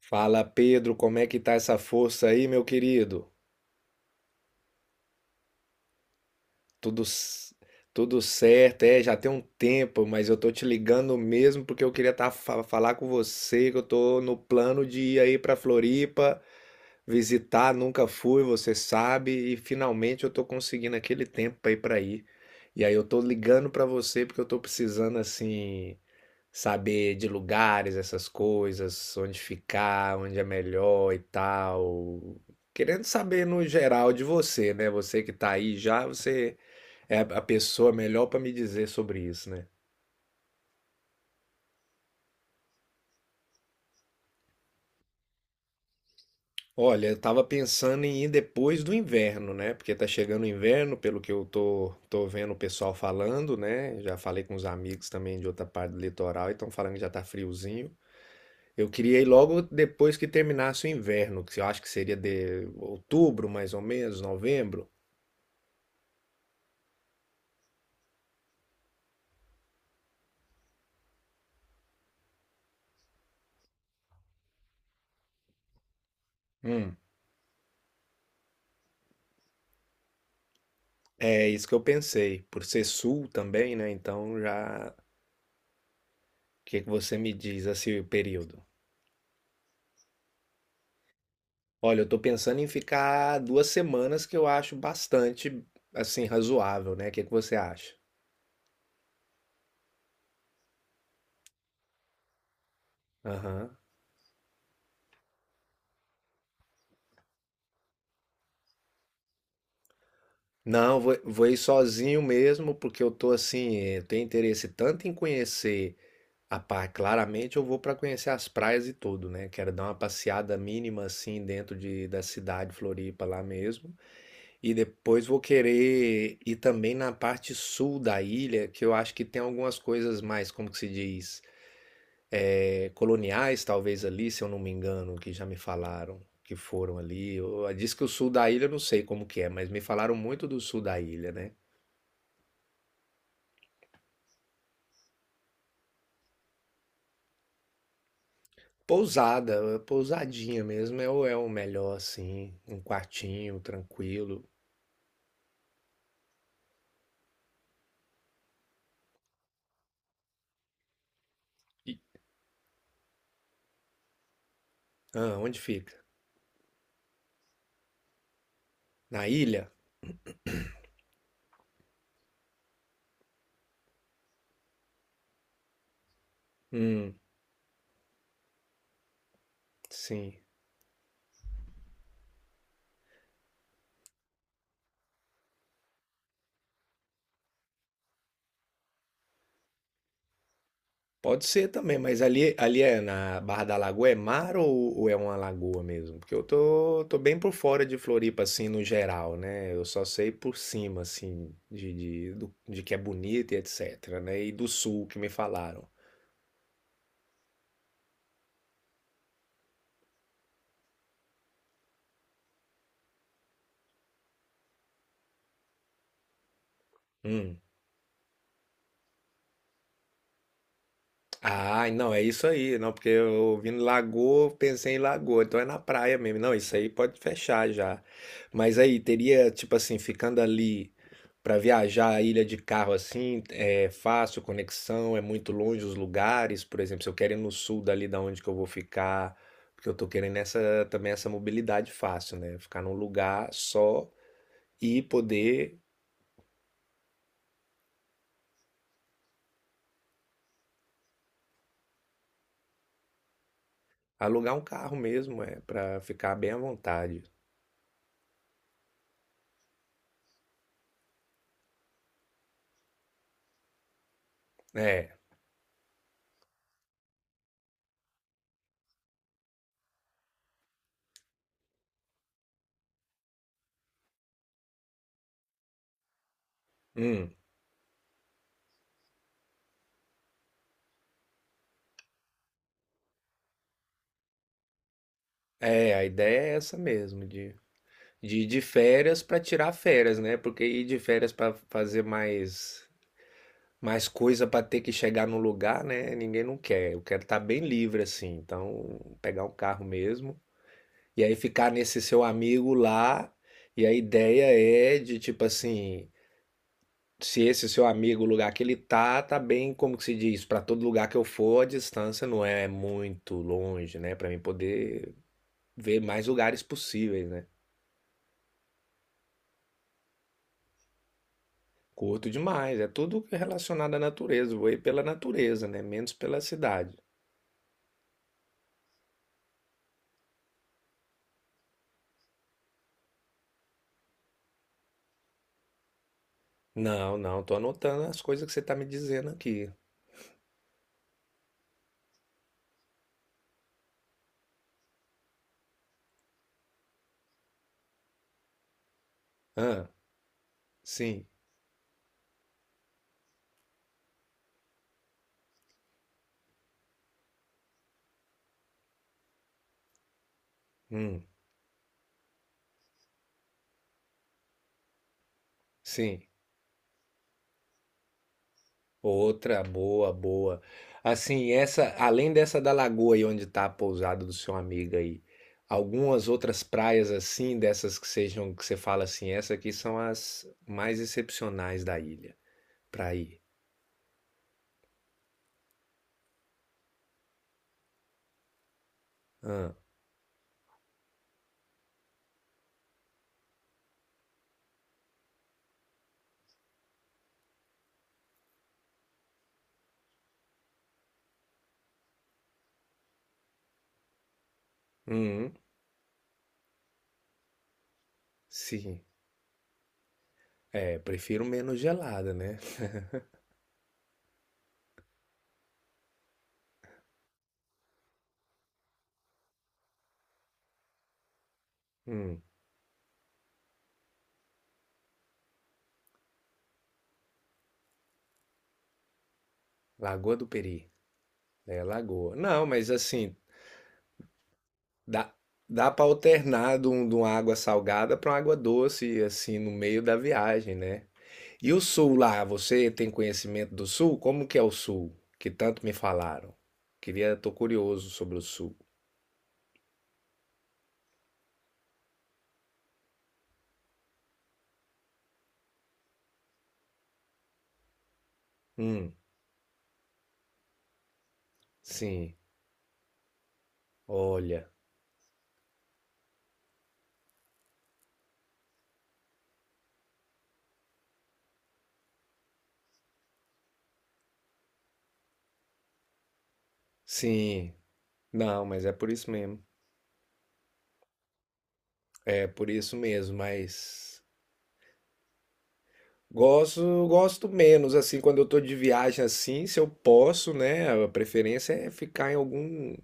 Fala Pedro, como é que tá essa força aí, meu querido? Tudo, tudo certo, é, já tem um tempo, mas eu tô te ligando mesmo porque eu queria tá, falar com você, que eu tô no plano de ir aí pra Floripa visitar, nunca fui, você sabe, e finalmente eu tô conseguindo aquele tempo aí pra ir. E aí eu tô ligando pra você porque eu tô precisando assim saber de lugares, essas coisas, onde ficar, onde é melhor e tal. Querendo saber no geral de você, né? Você que tá aí já, você é a pessoa melhor para me dizer sobre isso, né? Olha, eu tava pensando em ir depois do inverno, né? Porque tá chegando o inverno, pelo que eu tô vendo o pessoal falando, né? Já falei com os amigos também de outra parte do litoral e estão falando que já tá friozinho. Eu queria ir logo depois que terminasse o inverno, que eu acho que seria de outubro, mais ou menos, novembro. Hum. É isso que eu pensei, por ser sul também, né? Então já, o que você me diz assim, o período? Olha, eu tô pensando em ficar duas semanas, que eu acho bastante, assim, razoável, né? O que você acha? Aham. Não, vou ir sozinho mesmo, porque eu tô assim, eu tenho interesse tanto em conhecer. Ah, pá, claramente eu vou para conhecer as praias e tudo, né? Quero dar uma passeada mínima assim dentro de, da cidade Floripa lá mesmo. E depois vou querer ir também na parte sul da ilha, que eu acho que tem algumas coisas mais, como que se diz, é, coloniais talvez ali, se eu não me engano, que já me falaram que foram ali. Diz que o sul da ilha eu não sei como que é, mas me falaram muito do sul da ilha, né? Pousada, pousadinha mesmo é o melhor assim, um quartinho tranquilo. Ah, onde fica? Na ilha? Hum, sim. Pode ser também, mas ali é na Barra da Lagoa, é mar ou é uma lagoa mesmo? Porque eu tô bem por fora de Floripa, assim, no geral, né? Eu só sei por cima, assim, de que é bonito e etc, né? E do sul que me falaram. Hum. Ah, não, é isso aí, não, porque eu ouvindo lagoa, pensei em lagoa, então é na praia mesmo. Não, isso aí pode fechar já. Mas aí teria, tipo assim, ficando ali pra viajar a ilha de carro assim, é fácil conexão, é muito longe os lugares, por exemplo, se eu quero ir no sul dali da onde que eu vou ficar, porque eu tô querendo essa mobilidade fácil, né? Ficar num lugar só e poder alugar um carro mesmo, é, para ficar bem à vontade. É. Hum. É, a ideia é essa mesmo, de ir de férias para tirar férias, né? Porque ir de férias para fazer mais mais coisa para ter que chegar no lugar, né? Ninguém não quer. Eu quero estar bem livre assim, então pegar um carro mesmo e aí ficar nesse seu amigo lá. E a ideia é de tipo assim, se esse seu amigo, o lugar que ele tá bem, como que se diz, para todo lugar que eu for, a distância não é muito longe, né? Para mim poder ver mais lugares possíveis, né? Curto demais, é tudo relacionado à natureza. Vou ir pela natureza, né? Menos pela cidade. Não, não, tô anotando as coisas que você tá me dizendo aqui. Ah, sim, hum, sim. Outra boa, boa. Assim, essa, além dessa da lagoa aí onde tá a pousada do seu amigo aí, algumas outras praias assim, dessas que sejam, que você fala assim, essa aqui são as mais excepcionais da ilha pra ir. Ah, hum, sim. É, prefiro menos gelada, né? Hum. Lagoa do Peri. É, lagoa. Não, mas assim, dá, dá para alternar de uma água salgada para uma água doce, assim, no meio da viagem, né? E o sul lá, você tem conhecimento do sul? Como que é o sul? Que tanto me falaram. Queria, tô curioso sobre o sul. Hum, sim. Olha, sim. Não, mas é por isso mesmo. É por isso mesmo, mas gosto, gosto menos assim quando eu tô de viagem assim, se eu posso, né? A preferência é ficar em algum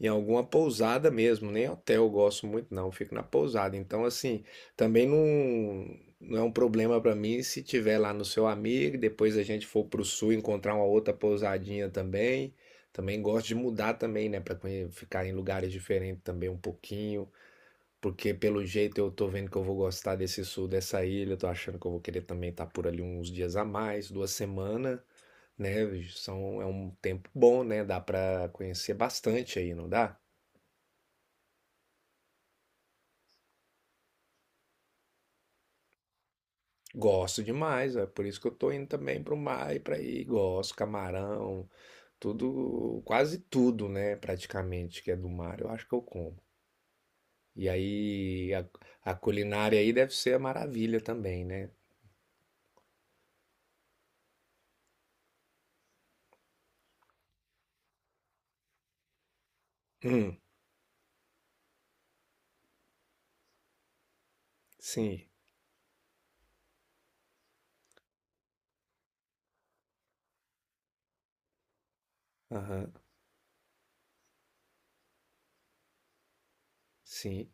em alguma pousada mesmo, nem hotel eu gosto muito não, eu fico na pousada. Então assim, também não é um problema pra mim se tiver lá no seu amigo, depois a gente for pro sul encontrar uma outra pousadinha também. Também gosto de mudar também, né, para ficar em lugares diferentes também um pouquinho. Porque pelo jeito eu tô vendo que eu vou gostar desse sul dessa ilha, eu tô achando que eu vou querer também estar por ali uns dias a mais, duas semanas, né? São, é um tempo bom, né? Dá pra conhecer bastante aí, não dá? Gosto demais, é por isso que eu tô indo também pro mar e pra ir. Gosto, camarão, tudo, quase tudo, né? Praticamente que é do mar, eu acho que eu como. E aí a culinária aí deve ser a maravilha também, né? Hum, sim, aham, sim,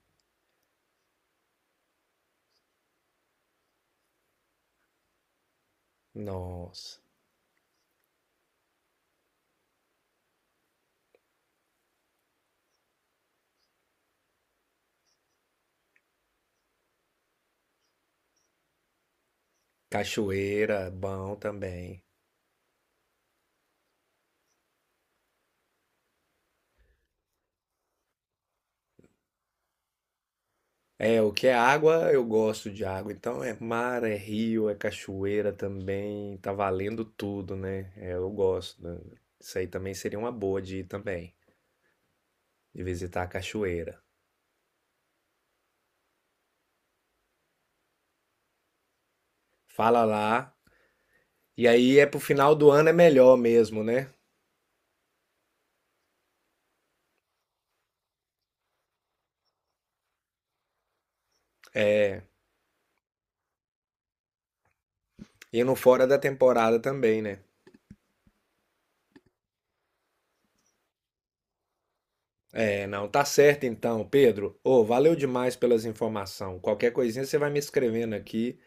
nossa. Cachoeira, bom também. É, o que é água, eu gosto de água. Então é mar, é rio, é cachoeira também. Tá valendo tudo, né? É, eu gosto. Né? Isso aí também seria uma boa de ir também, de visitar a cachoeira. Fala lá. E aí é pro final do ano é melhor mesmo, né? É, indo fora da temporada também, né? É, não, tá certo então, Pedro. Ô, valeu demais pelas informações. Qualquer coisinha você vai me escrevendo aqui.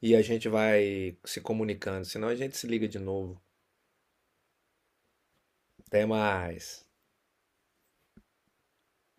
E a gente vai se comunicando, senão a gente se liga de novo. Até mais.